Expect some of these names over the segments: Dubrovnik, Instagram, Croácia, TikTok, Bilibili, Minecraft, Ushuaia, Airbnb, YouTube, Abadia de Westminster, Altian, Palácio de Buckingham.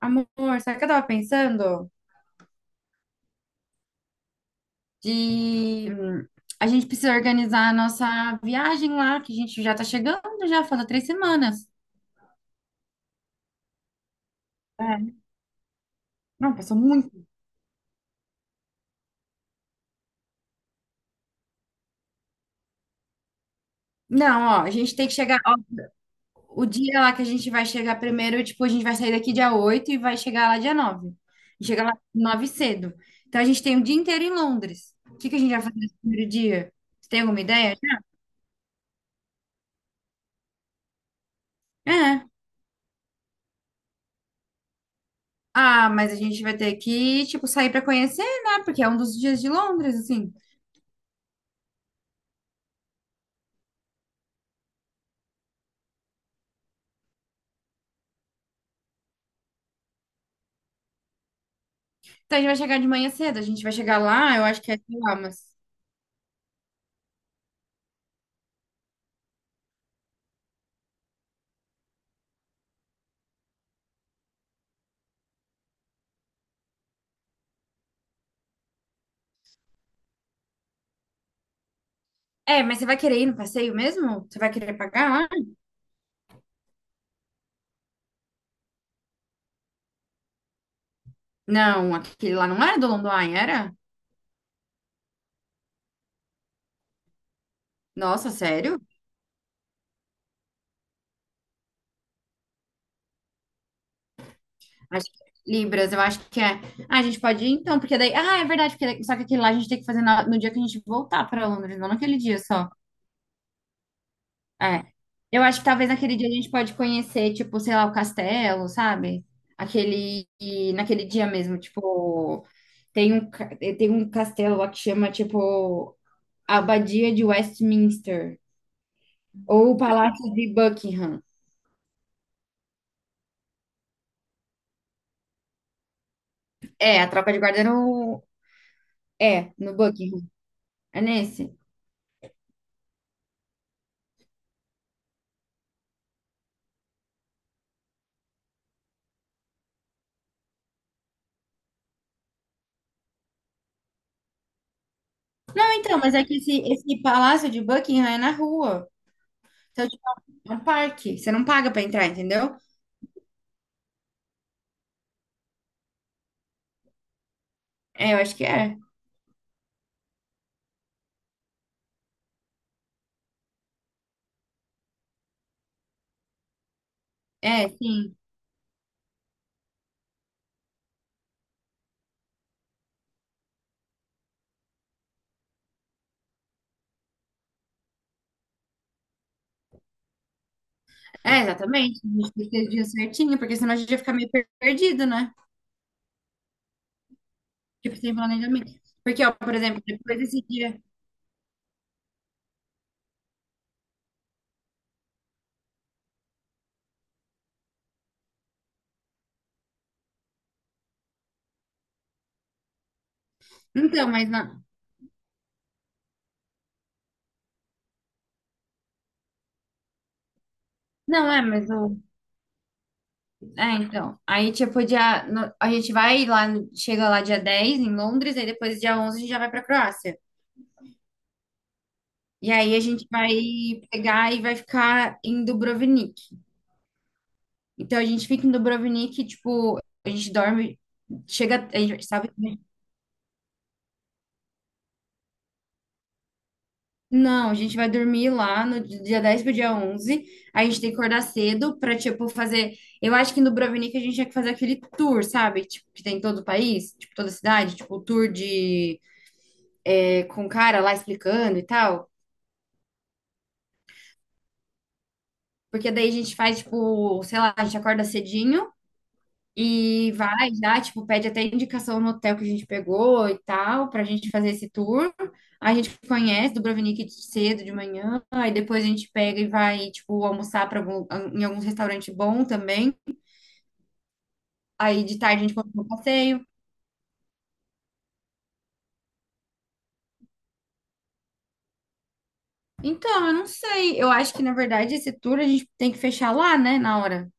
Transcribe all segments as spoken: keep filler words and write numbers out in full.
Amor, sabe o que eu tava pensando? De hum, A gente precisa organizar a nossa viagem lá, que a gente já tá chegando, já falta três semanas. É, não, passou muito. Não, ó, a gente tem que chegar, ó, o dia lá que a gente vai chegar primeiro, tipo, a gente vai sair daqui dia oito e vai chegar lá dia nove. E chega lá nove cedo. Então a gente tem o dia inteiro em Londres. O que que a gente vai fazer nesse primeiro dia? Você tem alguma ideia? É. Ah, mas a gente vai ter que, tipo, sair pra conhecer, né? Porque é um dos dias de Londres, assim. Então a gente vai chegar de manhã cedo, a gente vai chegar lá, eu acho que é, sei lá, mas. É, mas você vai querer ir no passeio mesmo? Você vai querer pagar lá? Não, aquele lá não era do London, era? Nossa, sério? Acho que é Libras, eu acho que é. Ah, a gente pode ir então, porque daí. Ah, é verdade, porque daí- só que aquele lá a gente tem que fazer na- no dia que a gente voltar para Londres, não naquele dia só. É. Eu acho que talvez naquele dia a gente pode conhecer, tipo, sei lá, o castelo, sabe? Aquele. E naquele dia mesmo, tipo. Tem um, ca- tem um castelo lá que chama, tipo, a Abadia de Westminster ou o Palácio de Buckingham. É, a tropa de guarda no É, no Buckingham. É nesse? Não, então, mas é que esse, esse Palácio de Buckingham é na rua. Então, tipo, é um parque. Você não paga pra entrar, entendeu? É, eu acho que é. É, sim. É, exatamente. A gente precisa de certinho, porque senão a gente ia ficar meio per- perdido, né? Tipo, sem planejamento. Porque, ó, por exemplo, depois desse dia. Então, mas não. Não, é, mas o é, então. Aí, tipo, dia, no- a gente vai lá, no- chega lá dia dez em Londres, aí depois dia onze a gente já vai pra Croácia. E aí a gente vai pegar e vai ficar em Dubrovnik. Então a gente fica em Dubrovnik, tipo, a gente dorme, chega, a gente sabe? Não, a gente vai dormir lá no dia dez pro dia onze. A gente tem que acordar cedo pra, tipo, fazer. Eu acho que em Dubrovnik a gente tinha que fazer aquele tour, sabe? Tipo, que tem em todo o país, tipo, toda cidade, tipo, o tour de com o cara lá explicando e tal. Porque daí a gente faz, tipo, sei lá, a gente acorda cedinho e vai já, tipo, pede até indicação no hotel que a gente pegou e tal, pra gente fazer esse tour. A gente conhece Dubrovnik de cedo, de manhã, aí depois a gente pega e vai, tipo, almoçar pra algum- em algum restaurante bom também. Aí de tarde a gente continua o passeio. Então, eu não sei. Eu acho que, na verdade, esse tour a gente tem que fechar lá, né, na hora.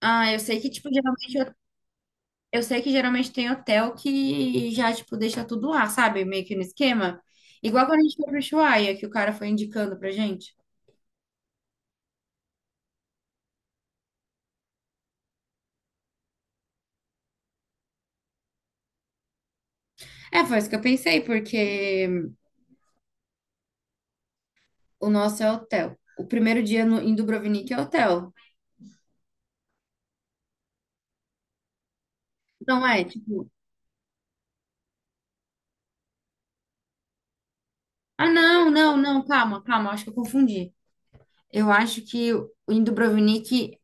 Ah, eu sei que, tipo, geralmente eu sei que geralmente tem hotel que já, tipo, deixa tudo lá, sabe? Meio que no esquema. Igual quando a gente foi pro Ushuaia, que o cara foi indicando pra gente. É, foi isso que eu pensei, porque o nosso é hotel. O primeiro dia no, em Dubrovnik é hotel. Não é, tipo... Ah, não, não, não, calma, calma, acho que eu confundi. Eu acho que o em Dubrovnik...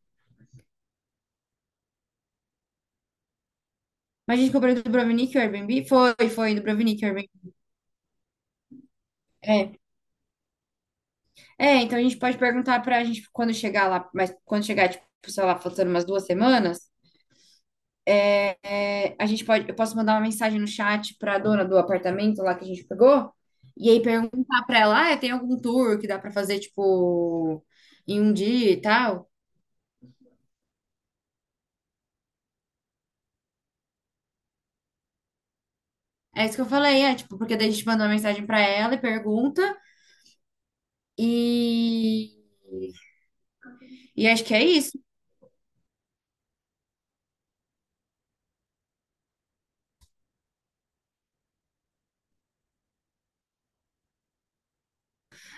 Mas a gente comprou em Dubrovnik o Airbnb? Foi, foi em Dubrovnik o Airbnb. É. É, então a gente pode perguntar pra gente quando chegar lá, mas quando chegar, tipo, sei lá, faltando umas duas semanas, é, a gente pode, eu posso mandar uma mensagem no chat para a dona do apartamento lá que a gente pegou e aí perguntar para ela, ah, tem algum tour que dá para fazer tipo em um dia e tal? É isso que eu falei, é tipo, porque daí a gente manda uma mensagem para ela e pergunta e e acho que é isso.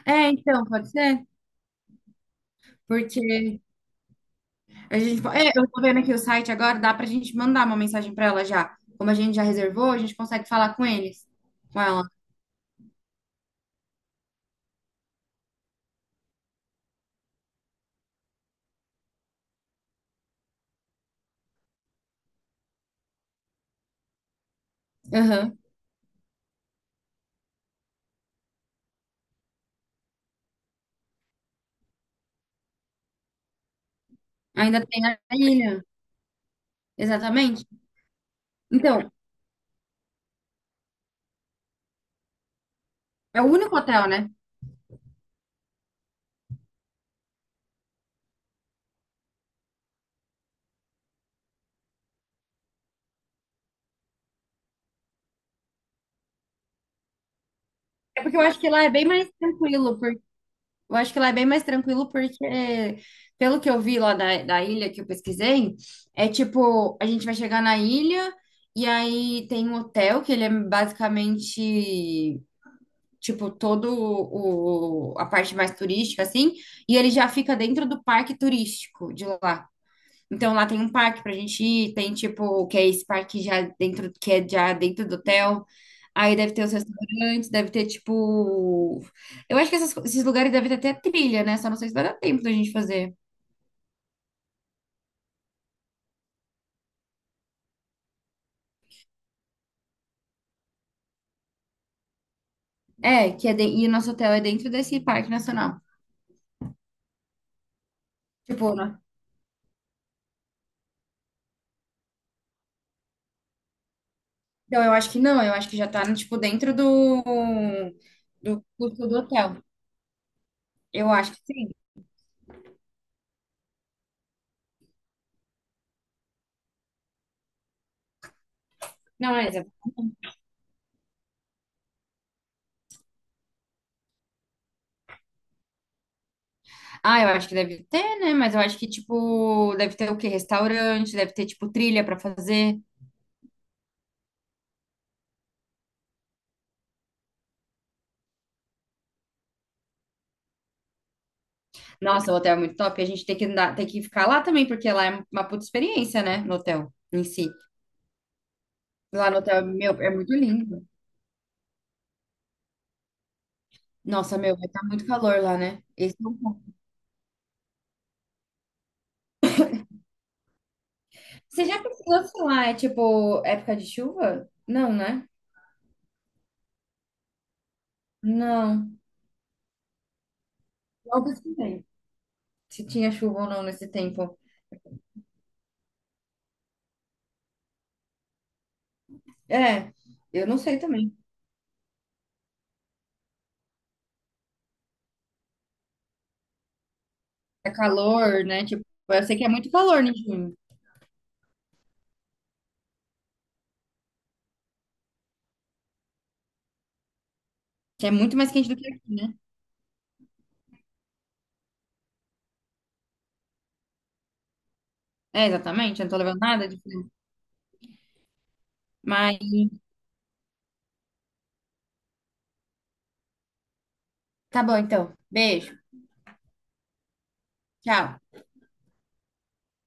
É, então, pode ser, porque a gente, po- é, eu tô vendo aqui o site agora, dá pra gente mandar uma mensagem para ela já. Como a gente já reservou, a gente consegue falar com eles, com ela. Aham. Ainda tem a ilha. Exatamente. Então, é o único hotel, né? É porque eu acho que lá é bem mais tranquilo, por... Eu acho que lá é bem mais tranquilo porque, pelo que eu vi lá da, da ilha que eu pesquisei, é tipo, a gente vai chegar na ilha e aí tem um hotel que ele é basicamente, tipo, todo o... A parte mais turística, assim, e ele já fica dentro do parque turístico de lá. Então lá tem um parque pra gente ir, tem tipo, que é esse parque já dentro, que é já dentro do hotel. Aí deve ter os restaurantes, deve ter tipo. Eu acho que essas co- esses lugares devem ter até trilha, né? Só não sei se vai dar tempo da gente fazer. É, que é de... E o nosso hotel é dentro desse parque nacional. Tipo, né? Então eu acho que não, eu acho que já tá, tipo, dentro do, do, custo do hotel. Eu acho que sim. Não, é exato. Ah, eu acho que deve ter, né? Mas eu acho que, tipo, deve ter o quê? Restaurante, deve ter, tipo, trilha pra fazer. Nossa, o hotel é muito top. A gente tem que andar, tem que ficar lá também, porque lá é uma puta experiência, né? No hotel em si. Lá no hotel, meu, é muito lindo. Nossa, meu, vai estar muito calor lá, né? Esse é um ponto. Você já pesquisou se lá é tipo época de chuva? Não, né? Não. Não pesquisei. Se tinha chuva ou não nesse tempo. É, eu não sei também. É calor, né? Tipo, eu sei que é muito calor em junho. Que é muito mais quente do que aqui, né? É, exatamente. Eu não tô levando nada de frio. Mas tá bom, então. Beijo. Tchau.